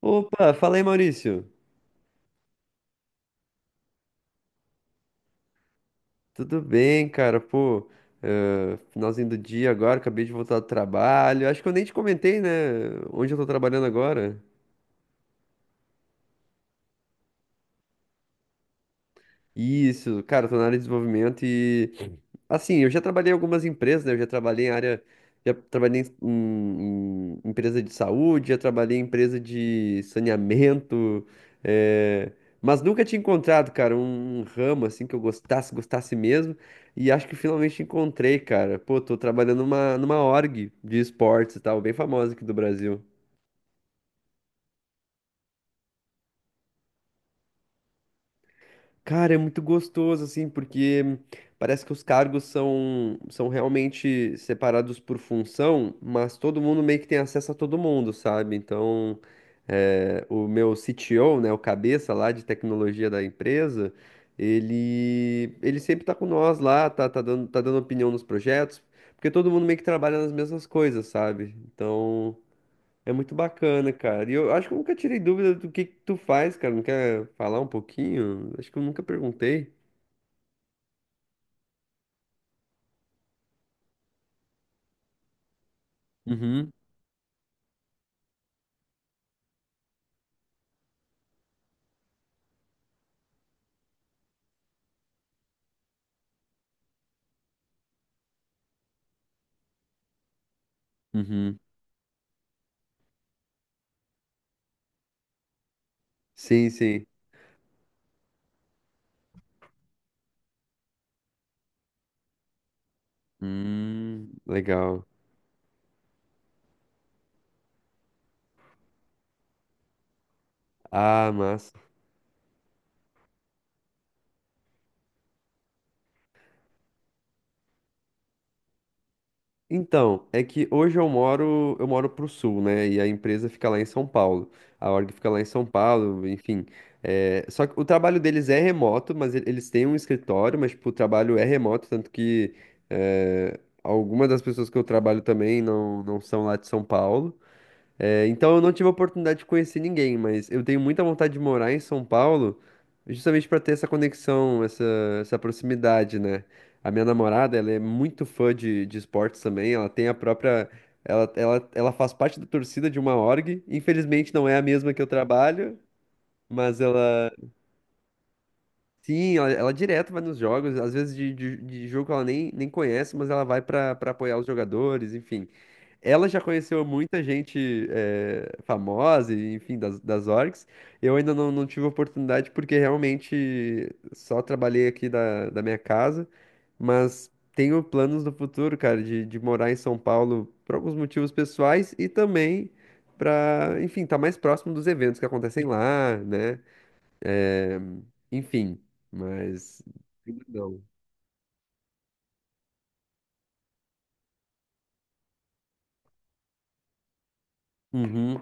Opa, fala aí, Maurício. Tudo bem, cara? Pô, finalzinho do dia agora, acabei de voltar do trabalho. Acho que eu nem te comentei, né? Onde eu tô trabalhando agora. Isso, cara, eu tô na área de desenvolvimento e assim, eu já trabalhei em algumas empresas, né? Eu já trabalhei em área, já trabalhei em empresa de saúde, já trabalhei em empresa de saneamento, eh, mas nunca tinha encontrado, cara, um ramo assim que eu gostasse, gostasse mesmo. E acho que finalmente encontrei, cara. Pô, tô trabalhando numa org de esportes e tal, bem famosa aqui do Brasil. Cara, é muito gostoso, assim, porque parece que os cargos são realmente separados por função, mas todo mundo meio que tem acesso a todo mundo, sabe? Então, é, o meu CTO, né, o cabeça lá de tecnologia da empresa, ele sempre tá com nós lá, tá, tá dando opinião nos projetos, porque todo mundo meio que trabalha nas mesmas coisas, sabe? Então. É muito bacana, cara. E eu acho que eu nunca tirei dúvida do que tu faz, cara. Não quer falar um pouquinho? Acho que eu nunca perguntei. Uhum, uhum. Sim, sim. Legal. Ah, massa. Então, é que hoje eu moro pro sul, né? E a empresa fica lá em São Paulo. A org fica lá em São Paulo, enfim. É, só que o trabalho deles é remoto, mas eles têm um escritório, mas tipo, o trabalho é remoto, tanto que é, algumas das pessoas que eu trabalho também não, não são lá de São Paulo. É, então eu não tive a oportunidade de conhecer ninguém, mas eu tenho muita vontade de morar em São Paulo, justamente para ter essa conexão, essa proximidade, né? A minha namorada, ela é muito fã de esportes também, ela tem a própria. Ela faz parte da torcida de uma org, infelizmente não é a mesma que eu trabalho, mas ela. Sim, ela direto vai nos jogos, às vezes de jogo que ela nem conhece, mas ela vai para apoiar os jogadores, enfim. Ela já conheceu muita gente famosa, e, enfim, das orgs. Eu ainda não, não tive oportunidade porque realmente só trabalhei aqui da minha casa. Mas tenho planos no futuro, cara, de morar em São Paulo por alguns motivos pessoais e também para, enfim, estar mais próximo dos eventos que acontecem lá, né? Eh, enfim, mas. Ainda Não. Uhum,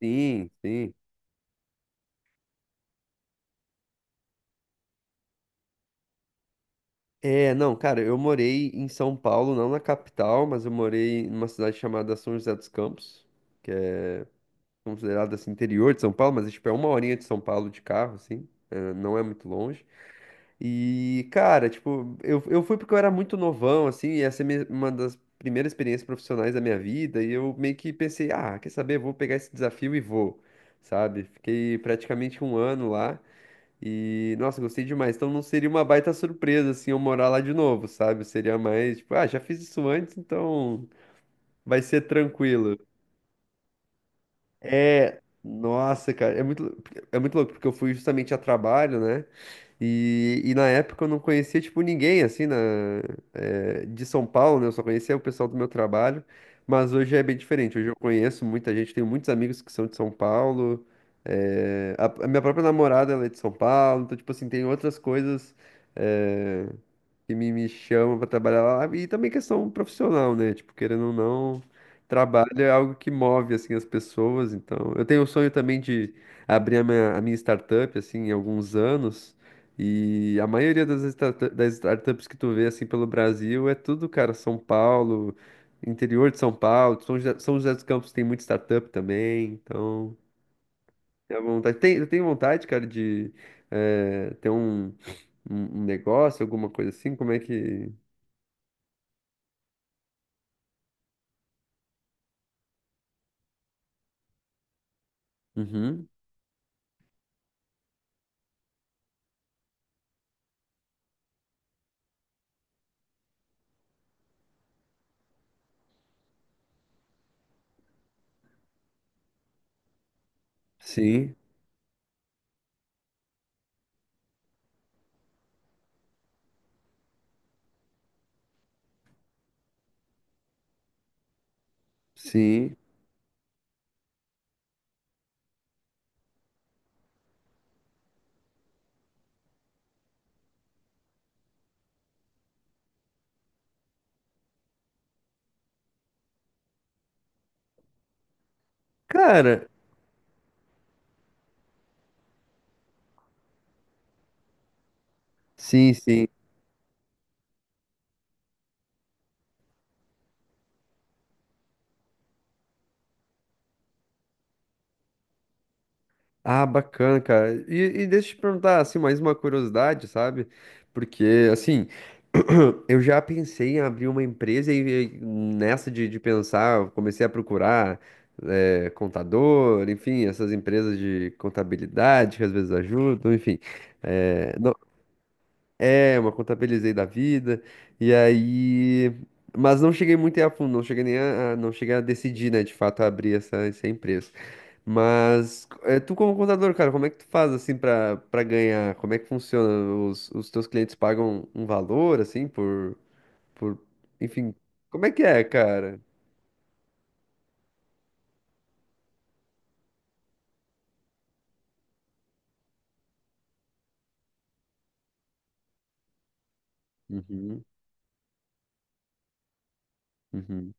sim, sim. É, não, cara, eu morei em São Paulo, não na capital, mas eu morei numa cidade chamada São José dos Campos, que é considerada assim interior de São Paulo, mas é, tipo é uma horinha de São Paulo de carro, assim, é, não é muito longe. E, cara, tipo, eu fui porque eu era muito novão, assim, e essa uma das primeiras experiências profissionais da minha vida, e eu meio que pensei, ah, quer saber, vou pegar esse desafio e vou, sabe? Fiquei praticamente um ano lá. E, nossa, gostei demais. Então não seria uma baita surpresa, assim, eu morar lá de novo, sabe? Seria mais, tipo, ah, já fiz isso antes, então vai ser tranquilo. É, nossa, cara, é muito louco, porque eu fui justamente a trabalho, né? E na época eu não conhecia, tipo, ninguém, assim, na, de São Paulo, né? Eu só conhecia o pessoal do meu trabalho, mas hoje é bem diferente. Hoje eu conheço muita gente, tenho muitos amigos que são de São Paulo, a minha própria namorada, ela é de São Paulo, então, tipo assim, tem outras coisas, eh, que me chama para trabalhar lá, e também questão profissional, né? Tipo, querendo ou não, trabalho é algo que move, assim, as pessoas, então... Eu tenho o sonho também de abrir a minha startup, assim, em alguns anos, e a maioria das startups que tu vê, assim, pelo Brasil é tudo, cara, São Paulo, interior de São Paulo, São José, São José dos Campos tem muita startup também, então... é vontade. Eu tenho vontade, cara, de ter um um negócio, alguma coisa assim. Como é que, uhum. Sim, sim. Cara, sim, sim. Ah, bacana, cara. E deixa eu te perguntar, assim, mais uma curiosidade, sabe? Porque, assim, eu já pensei em abrir uma empresa e nessa de pensar, eu comecei a procurar, contador, enfim, essas empresas de contabilidade que às vezes ajudam, enfim. Eh, É, uma contabilizei da vida. E aí. Mas não cheguei muito a fundo, não cheguei nem a, não cheguei a decidir, né, de fato, abrir essa, essa empresa. Mas é, tu como contador, cara, como é que tu faz assim pra para ganhar? Como é que funciona? Os teus clientes pagam um valor assim por enfim, como é que é, cara? Uhum, uhum.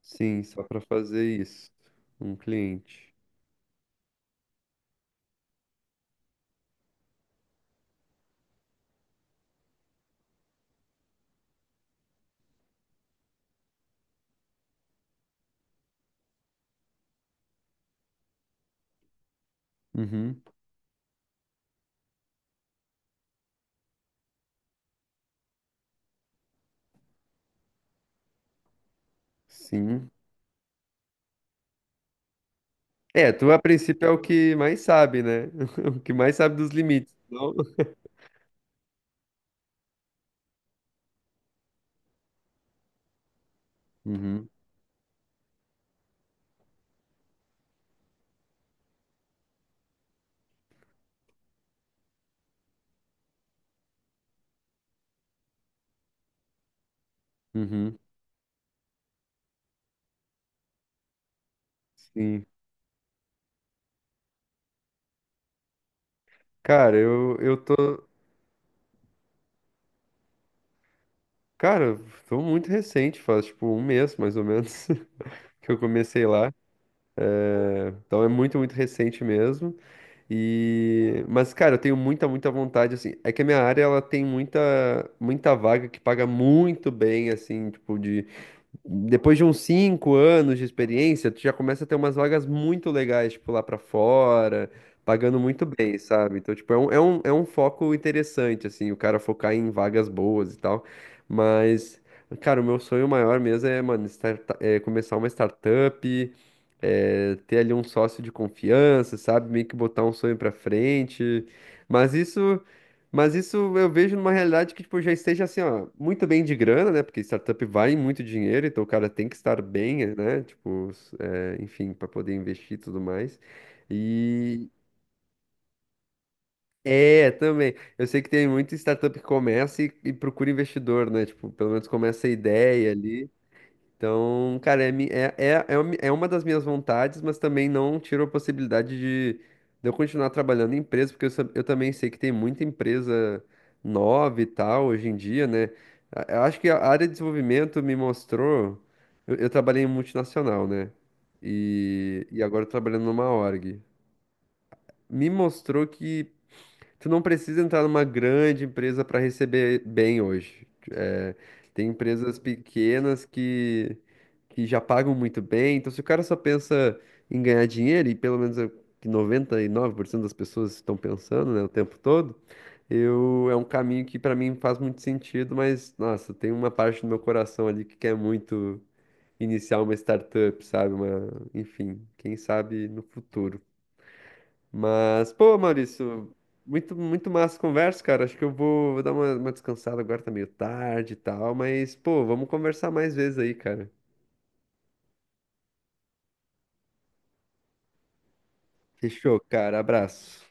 Sim, só pra fazer isso. Um cliente. Uhum. Sim. É, tu a princípio é o que mais sabe, né? O que mais sabe dos limites. Não? Uhum, uhum, sim. Cara, eu tô. Cara, tô muito recente, faz tipo um mês mais ou menos que eu comecei lá. Então é muito, muito recente mesmo. E mas cara, eu tenho muita, muita vontade assim. É que a minha área ela tem muita, muita vaga que paga muito bem assim, tipo de depois de uns 5 anos de experiência, tu já começa a ter umas vagas muito legais, tipo, lá pra fora, pagando muito bem, sabe? Então, tipo, é é um foco interessante, assim, o cara focar em vagas boas e tal. Mas, cara, o meu sonho maior mesmo é, mano, é começar uma startup, é, ter ali um sócio de confiança, sabe? Meio que botar um sonho pra frente. Mas isso. Mas isso eu vejo numa realidade que, tipo, já esteja assim, ó, muito bem de grana, né? Porque startup vai em muito dinheiro, então o cara tem que estar bem, né? Tipo, é, enfim, para poder investir e tudo mais. E é, também. Eu sei que tem muita startup que começa e procura investidor, né? Tipo, pelo menos começa a ideia ali. Então, cara, é uma das minhas vontades, mas também não tiro a possibilidade de eu continuar trabalhando em empresa, porque eu também sei que tem muita empresa nova e tal hoje em dia, né? Eu acho que a área de desenvolvimento me mostrou. Eu trabalhei em multinacional, né? E agora eu tô trabalhando numa org. Me mostrou que. Tu não precisa entrar numa grande empresa para receber bem hoje. É, tem empresas pequenas que já pagam muito bem. Então, se o cara só pensa em ganhar dinheiro, e pelo menos é o que 99% das pessoas estão pensando, né, o tempo todo, eu, é um caminho que para mim faz muito sentido, mas, nossa, tem uma parte do meu coração ali que quer muito iniciar uma startup, sabe? Uma, enfim, quem sabe no futuro. Mas, pô, Maurício, muito, muito massa a conversa, cara. Acho que eu vou dar uma descansada agora, tá meio tarde e tal. Mas, pô, vamos conversar mais vezes aí, cara. Fechou, cara. Abraço.